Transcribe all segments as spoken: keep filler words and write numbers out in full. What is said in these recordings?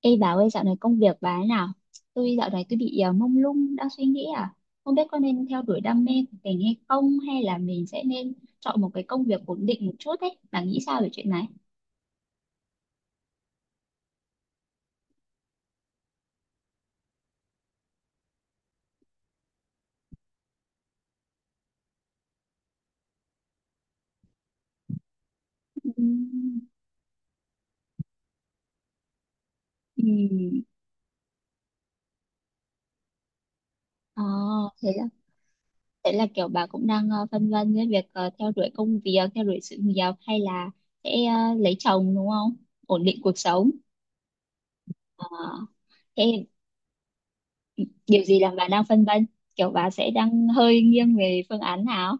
Ê bà ơi, dạo này công việc bà thế nào? Tôi dạo này tôi bị ờ, mông lung đang suy nghĩ, à không biết có nên theo đuổi đam mê của mình hay không, hay là mình sẽ nên chọn một cái công việc ổn định một chút ấy. Bà nghĩ sao về chuyện này? Ừm. Ừm. Ờ. thế là thế là kiểu bà cũng đang ờ, phân vân với việc ờ, theo đuổi công việc, theo đuổi sự nghiệp, hay là sẽ ờ, lấy chồng đúng không? Ổn định cuộc sống. Ờ, thế điều gì làm bà đang phân vân? Kiểu bà sẽ đang hơi nghiêng về phương án nào?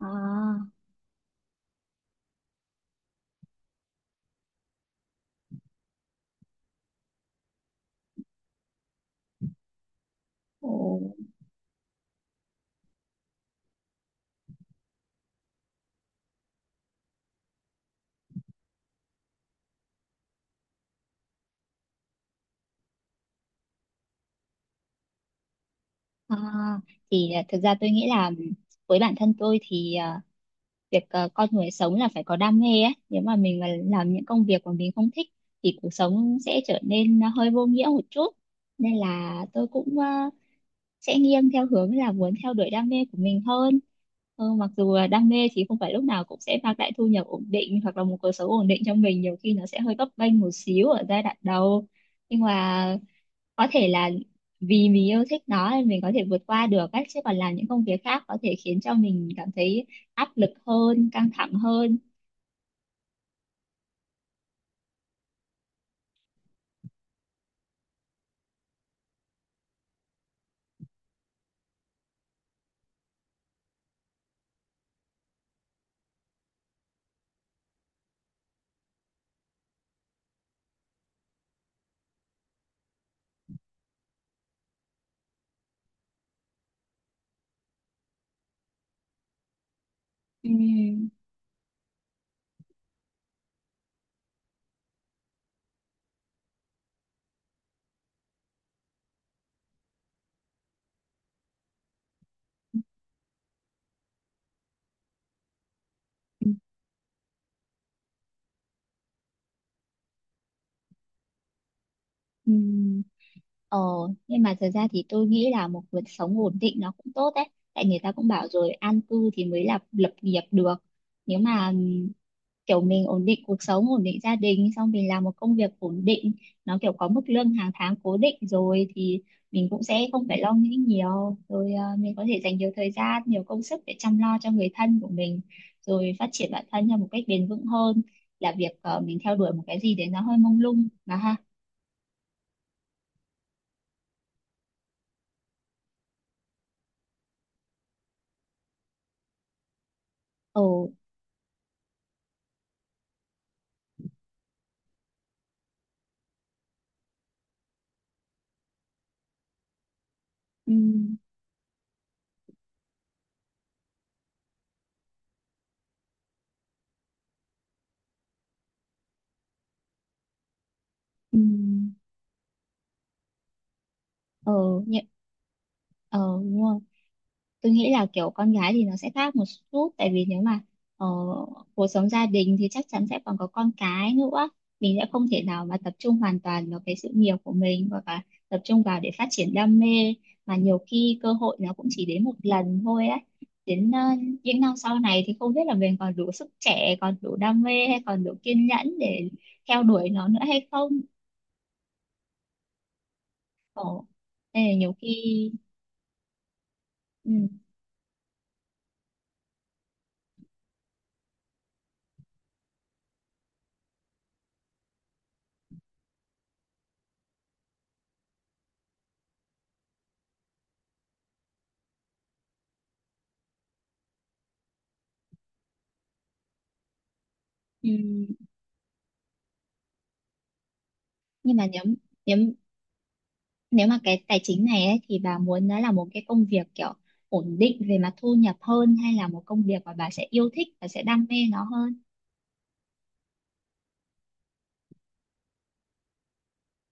À. Ồ. Ờ, thì à, thực ra tôi nghĩ là với bản thân tôi thì à, việc à, con người sống là phải có đam mê ấy. Nếu mà mình mà làm những công việc mà mình không thích thì cuộc sống sẽ trở nên hơi vô nghĩa một chút. Nên là tôi cũng à, sẽ nghiêng theo hướng là muốn theo đuổi đam mê của mình hơn. Ờ, mặc dù là đam mê thì không phải lúc nào cũng sẽ mang lại thu nhập ổn định hoặc là một cuộc sống ổn định cho mình. Nhiều khi nó sẽ hơi bấp bênh một xíu ở giai đoạn đầu. Nhưng mà có thể là vì mình yêu thích nó nên mình có thể vượt qua được ấy, chứ còn làm những công việc khác có thể khiến cho mình cảm thấy áp lực hơn, căng thẳng hơn. Ừm. Ừ. Ờ, nhưng mà thật ra thì tôi nghĩ là một cuộc sống ổn định nó cũng tốt đấy. Tại người ta cũng bảo rồi, an cư thì mới là lập nghiệp được. Nếu mà ừm, kiểu mình ổn định cuộc sống, ổn định gia đình, xong mình làm một công việc ổn định, nó kiểu có mức lương hàng tháng cố định rồi thì mình cũng sẽ không phải lo nghĩ nhiều. Rồi ờ, mình có thể dành nhiều thời gian, nhiều công sức để chăm lo cho người thân của mình, rồi phát triển bản thân theo một cách bền vững hơn là việc ờ, mình theo đuổi một cái gì đấy nó hơi mông lung mà ha. Ồ. Ừ. Ừ. Ờ, nhẹ. Ờ, đúng rồi. Tôi nghĩ là kiểu con gái thì nó sẽ khác một chút, tại vì nếu mà ờ, cuộc sống gia đình thì chắc chắn sẽ còn có con cái nữa, mình sẽ không thể nào mà tập trung hoàn toàn vào cái sự nghiệp của mình hoặc là tập trung vào để phát triển đam mê, mà nhiều khi cơ hội nó cũng chỉ đến một lần thôi á. Đến ờ, những năm sau này thì không biết là mình còn đủ sức trẻ, còn đủ đam mê hay còn đủ kiên nhẫn để theo đuổi nó nữa hay không. Ồ, nên là nhiều khi. Ừ. Ừ. Nhưng mà nếu nếu Nếu mà cái tài chính này ấy, thì bà muốn nó là một cái công việc kiểu ổn định về mặt thu nhập hơn, hay là một công việc mà bà sẽ yêu thích và sẽ đam mê nó hơn?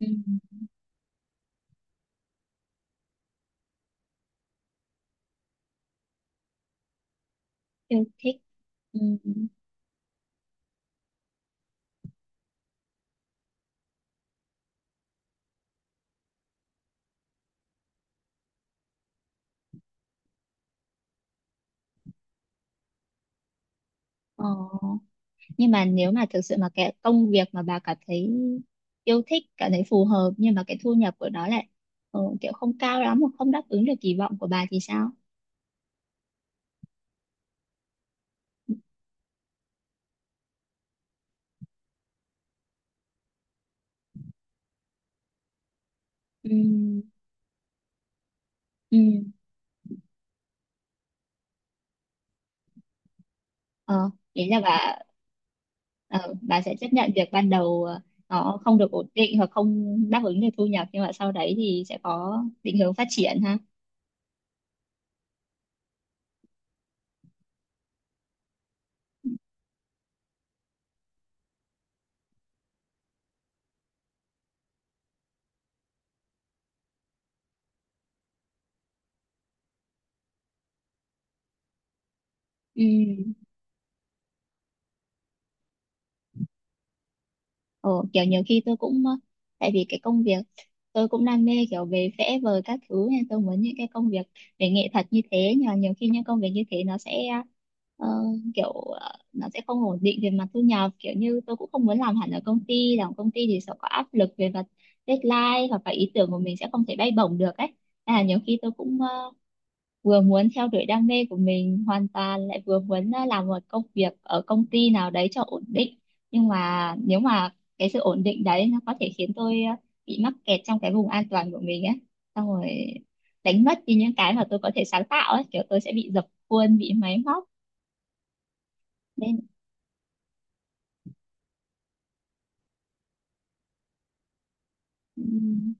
Ừ, yêu thích. Ừ. Ờ. Nhưng mà nếu mà thực sự mà cái công việc mà bà cảm thấy yêu thích, cảm thấy phù hợp nhưng mà cái thu nhập của nó lại ờ, kiểu không cao lắm hoặc không đáp ứng được kỳ vọng của bà thì sao? Ừ. Ừ. Ờ, ý là bà ờ, bà sẽ chấp nhận việc ban đầu ờ, nó không được ổn định hoặc không đáp ứng được thu nhập nhưng mà sau đấy thì sẽ có định hướng phát triển ha. Ừ. Ờ, kiểu nhiều khi tôi cũng ờ, tại vì cái công việc tôi cũng đam mê kiểu về vẽ vời các thứ, nên tôi muốn những cái công việc về nghệ thuật như thế, nhưng mà nhiều khi những công việc như thế nó sẽ ờ, kiểu ờ, nó sẽ không ổn định về mặt thu nhập, kiểu như tôi cũng không muốn làm hẳn ở công ty, làm công ty thì sẽ có áp lực về mặt deadline hoặc là ý tưởng của mình sẽ không thể bay bổng được ấy. Nên là nhiều khi tôi cũng vừa muốn theo đuổi đam mê của mình hoàn toàn, lại vừa muốn à, làm một công việc ở công ty nào đấy cho ổn định, nhưng mà nếu mà cái sự ổn định đấy nó có thể khiến tôi à, bị mắc kẹt trong cái vùng an toàn của mình ấy, xong rồi đánh mất đi những cái mà tôi có thể sáng tạo ấy, kiểu tôi sẽ bị dập khuôn, bị máy móc nên. Ừm.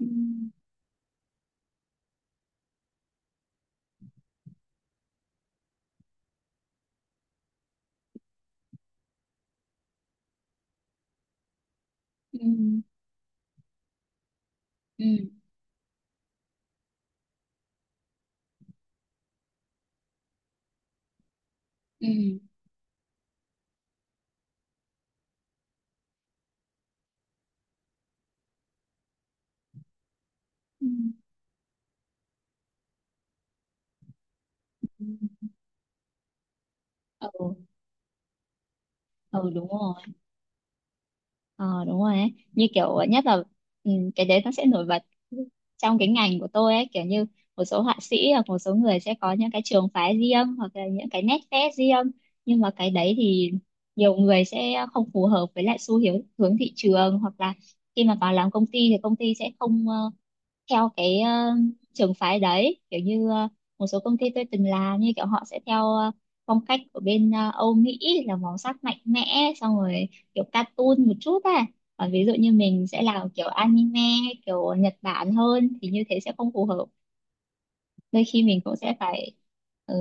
Ừm. Ừm. Ừm. Ừm. Ừm. Ừ. Ừ, đúng rồi. Ờ, đúng rồi ấy. Như kiểu nhất là, ừ, cái đấy nó sẽ nổi bật trong cái ngành của tôi ấy, kiểu như một số họa sĩ hoặc một số người sẽ có những cái trường phái riêng hoặc là những cái nét vẽ riêng. Nhưng mà cái đấy thì nhiều người sẽ không phù hợp với lại xu hướng hướng thị trường, hoặc là khi mà vào làm công ty thì công ty sẽ không ờ, theo cái ờ, trường phái đấy, kiểu như ờ, một số công ty tôi từng làm như kiểu họ sẽ theo ờ, phong cách của bên ờ, Âu Mỹ, là màu sắc mạnh mẽ, xong rồi kiểu cartoon một chút, à còn ví dụ như mình sẽ làm kiểu anime hay kiểu Nhật Bản hơn thì như thế sẽ không phù hợp, đôi khi mình cũng sẽ phải ừ,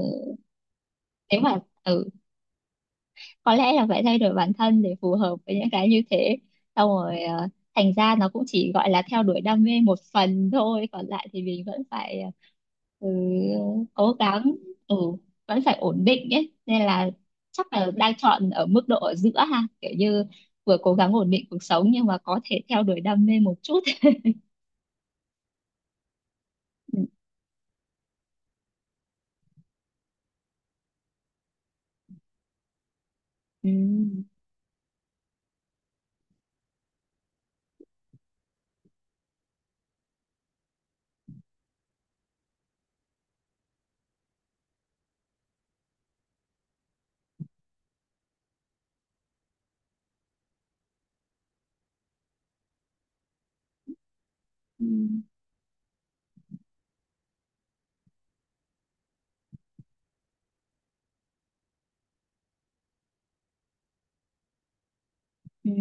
nếu mà ừ, có lẽ là phải thay đổi bản thân để phù hợp với những cái như thế, xong rồi ờ, thành ra nó cũng chỉ gọi là theo đuổi đam mê một phần thôi, còn lại thì mình vẫn phải ờ, ừ, cố gắng, ừ, vẫn phải ổn định ấy, nên là chắc là đang chọn ở mức độ ở giữa ha, kiểu như vừa cố gắng ổn định cuộc sống nhưng mà có thể theo đuổi đam mê một chút ừ. Ừ. Ừ. Ừ.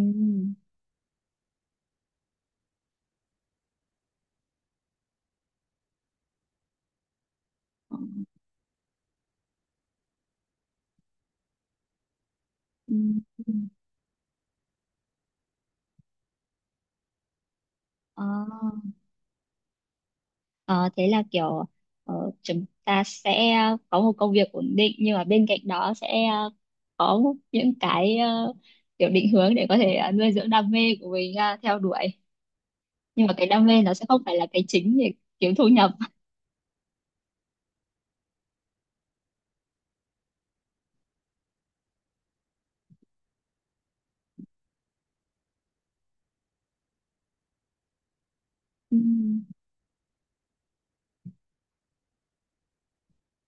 Ờ. Ừ. Ừ. Ờ. Ờ, thế là kiểu ờ, chúng ta sẽ có một công việc ổn định nhưng mà bên cạnh đó sẽ ờ, có những cái ờ, kiểu định hướng để có thể ờ, nuôi dưỡng đam mê của mình ờ, theo đuổi, nhưng mà cái đam mê nó sẽ không phải là cái chính để kiếm thu nhập. Ừ.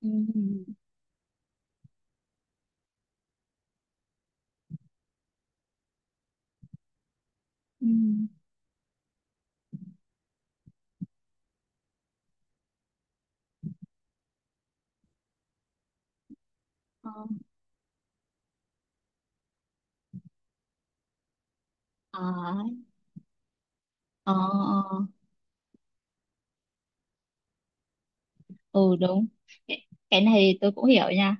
Ừ. Ừ. Ờ. Ờ. Ờ. Ờ. Ừ, đúng. Cái cái này tôi cũng hiểu nha,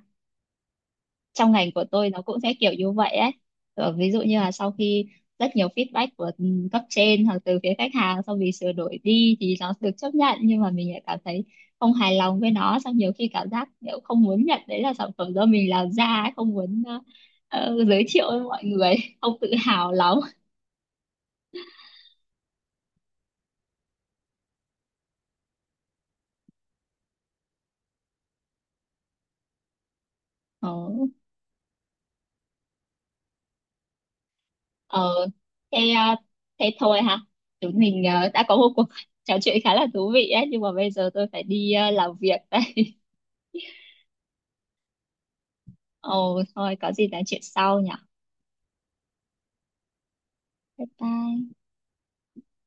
trong ngành của tôi nó cũng sẽ kiểu như vậy ấy. Ờ, ví dụ như là sau khi rất nhiều feedback của ừ, cấp trên hoặc từ phía khách hàng, xong vì sửa đổi đi thì nó được chấp nhận, nhưng mà mình lại cảm thấy không hài lòng với nó, xong nhiều khi cảm giác kiểu không muốn nhận đấy là sản phẩm do mình làm ra ấy, không muốn ờ, ờ, giới thiệu với mọi người không tự hào lắm. ờ, ờ, thế ờ, thế thôi ha, chúng mình ờ, đã có một cuộc trò chuyện khá là thú vị ấy, nhưng mà bây giờ tôi phải đi ờ, làm việc đây. Ồ, thôi có gì nói chuyện sau nhỉ. Bye bye.